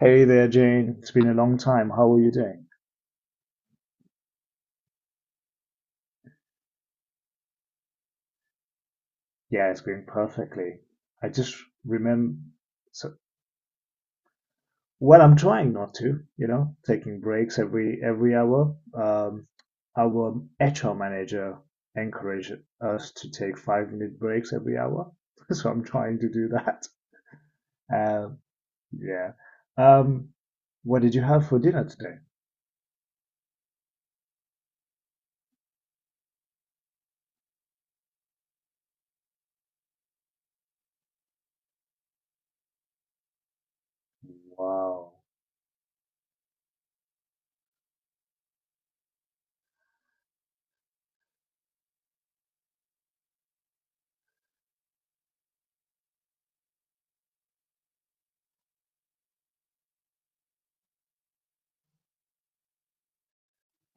Hey there, Jane. It's been a long time. How are you doing? Yeah, it's going perfectly. I just remember, so, well, I'm trying not to, you know, taking breaks every hour. Our HR manager encouraged us to take 5 minute breaks every hour, so I'm trying to do that. Um, yeah. Um, what did you have for dinner today? Wow.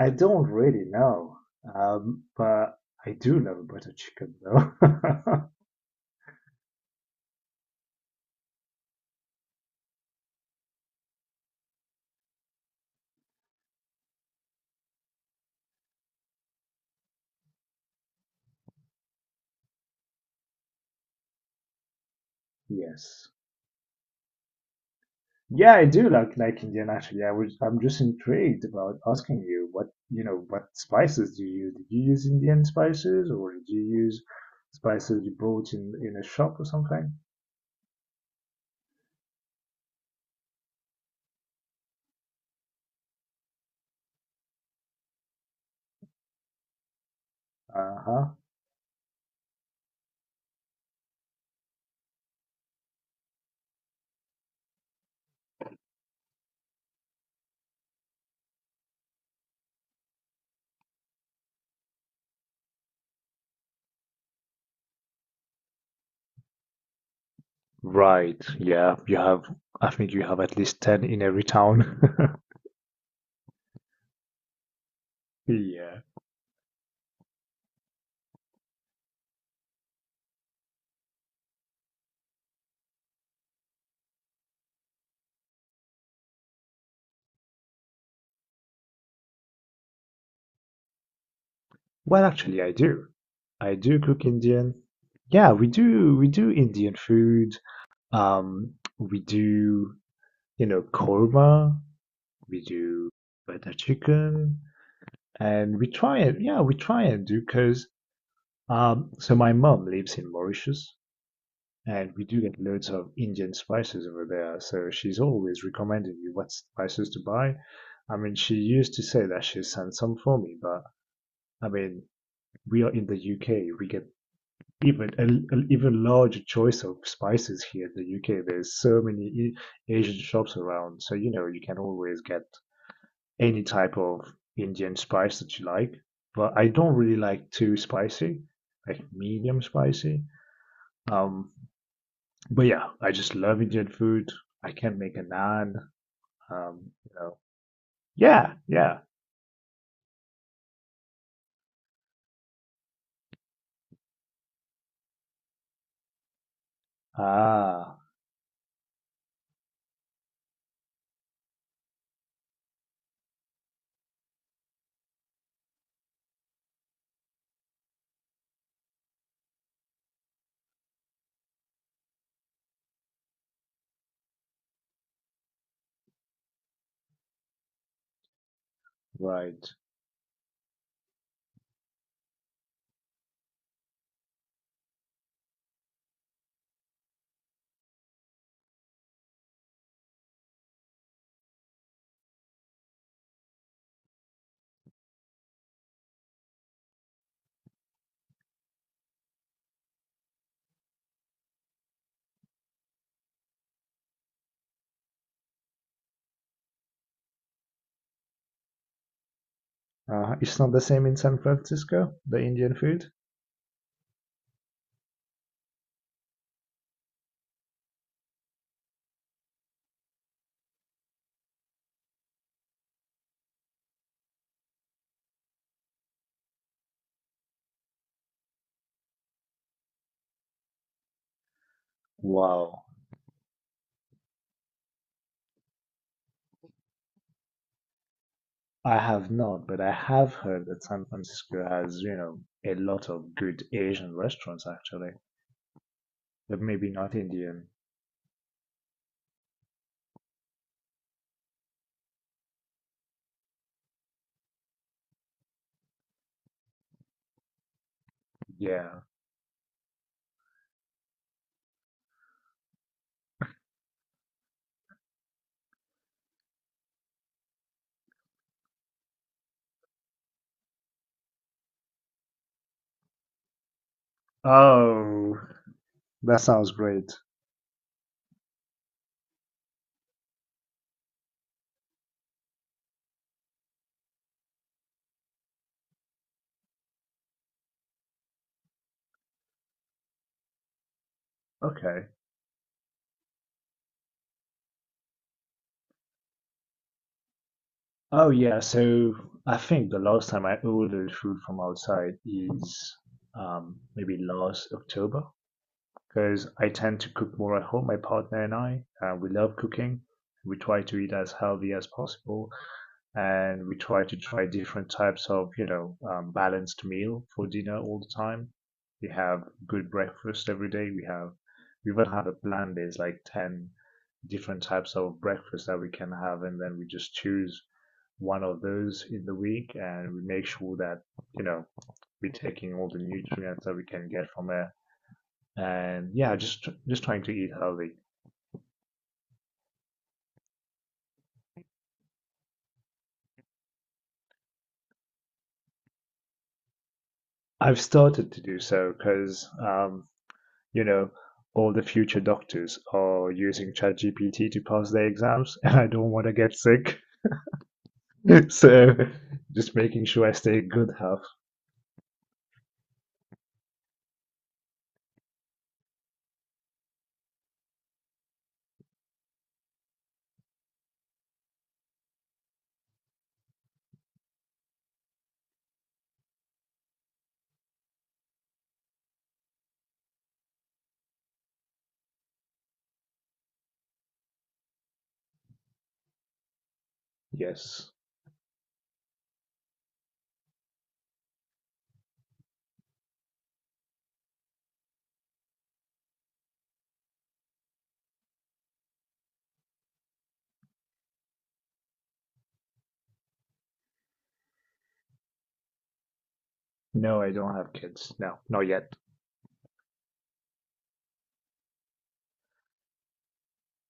I don't really know, but I do love butter chicken though. Yes. Yeah, I do like Indian actually. I'm just intrigued about asking you what, you know, what spices do you use? Did you use Indian spices or did you use spices you bought in a shop or something? Uh-huh. Right, yeah, you have, I think you have at least 10 in every town. Yeah. Well, actually, I do. I do cook Indian. Yeah, we do. We do Indian food. Um, we do, you know, korma. We do butter chicken, and we try it. Yeah, we try and do because so my mom lives in Mauritius, and we do get loads of Indian spices over there. So she's always recommending me what spices to buy. I mean, she used to say that she sent some for me, but I mean, we are in the UK. We get even a even larger choice of spices here in the UK. There's so many E, Asian shops around, so you know you can always get any type of Indian spice that you like, but I don't really like too spicy, like medium spicy. Um, but yeah, I just love Indian food. I can make a naan. You know, yeah, yeah. Ah, right. It's not the same in San Francisco, the Indian food. Wow, I have not, but I have heard that San Francisco has, you know, a lot of good Asian restaurants actually, but maybe not Indian. Yeah. Oh. That sounds great. Okay. Oh yeah, so I think the last time I ordered food from outside is maybe last October, because I tend to cook more at home, my partner and I, and we love cooking. We try to eat as healthy as possible, and we try to try different types of, you know, balanced meal for dinner all the time. We have good breakfast every day. We even have a plan. There's like 10 different types of breakfast that we can have, and then we just choose one of those in the week, and we make sure that, you know, we're taking all the nutrients that we can get from it, and yeah, just trying to eat healthy. I've started to do so because you know, all the future doctors are using ChatGPT to pass their exams, and I don't want to get sick. So just making sure I stay in good health. Yes. No, I don't have kids. No, not yet.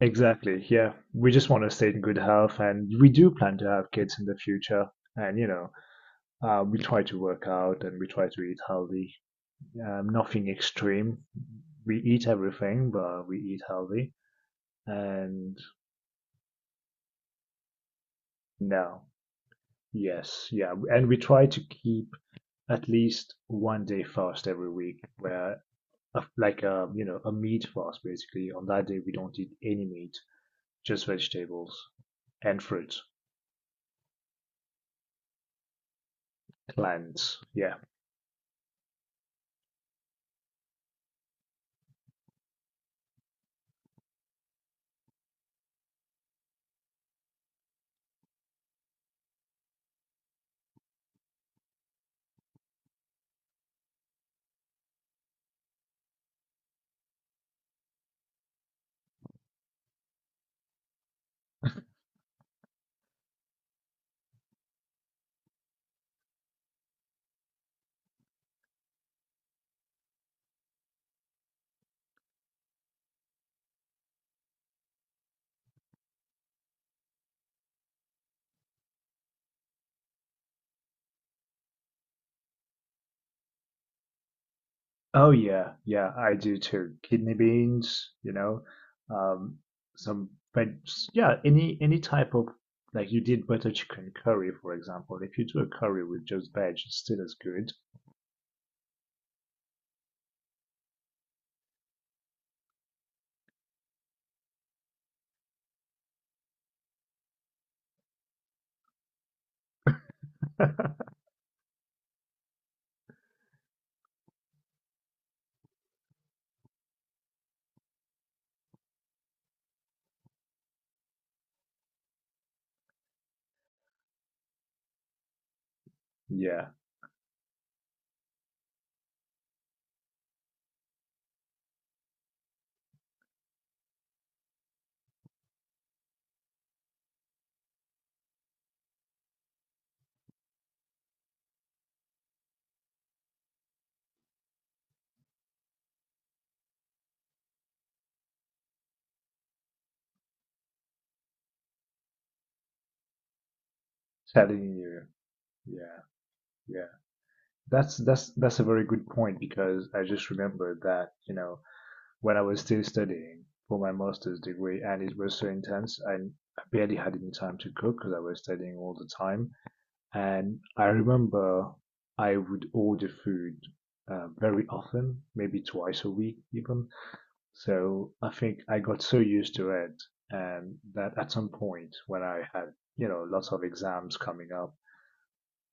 Exactly. Yeah. We just want to stay in good health and we do plan to have kids in the future. And, you know, we try to work out and we try to eat healthy. Nothing extreme. We eat everything, but we eat healthy. And no. Yes, yeah, and we try to keep at least one day fast every week, where like a you know a meat fast basically. On that day, we don't eat any meat, just vegetables and fruit, plants. Yeah. Oh yeah, yeah, I do too. Kidney beans, you know, um, some, but yeah, any type of, like you did butter chicken curry, for example. If you do a curry with just veg, it's still as good. Yeah, telling you. Yeah. Yeah. That's a very good point because I just remembered that, you know, when I was still studying for my master's degree and it was so intense, I barely had any time to cook because I was studying all the time. And I remember I would order food very often, maybe twice a week even. So I think I got so used to it, and that at some point when I had, you know, lots of exams coming up,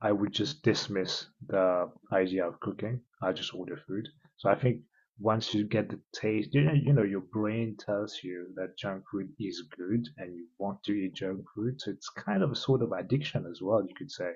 I would just dismiss the idea of cooking. I just order food. So I think once you get the taste, you know, your brain tells you that junk food is good and you want to eat junk food. So it's kind of a sort of addiction as well, you could say.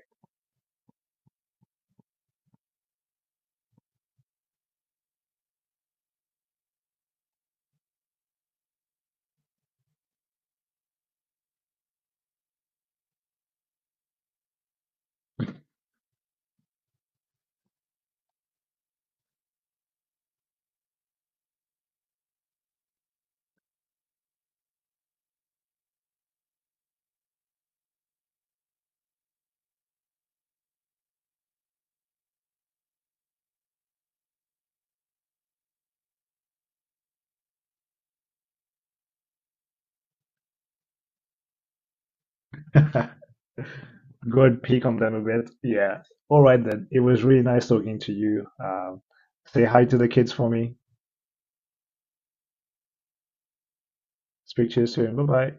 Go and peek on them a bit. Yeah. All right then. It was really nice talking to you. Say hi to the kids for me. Speak to you soon. Bye bye.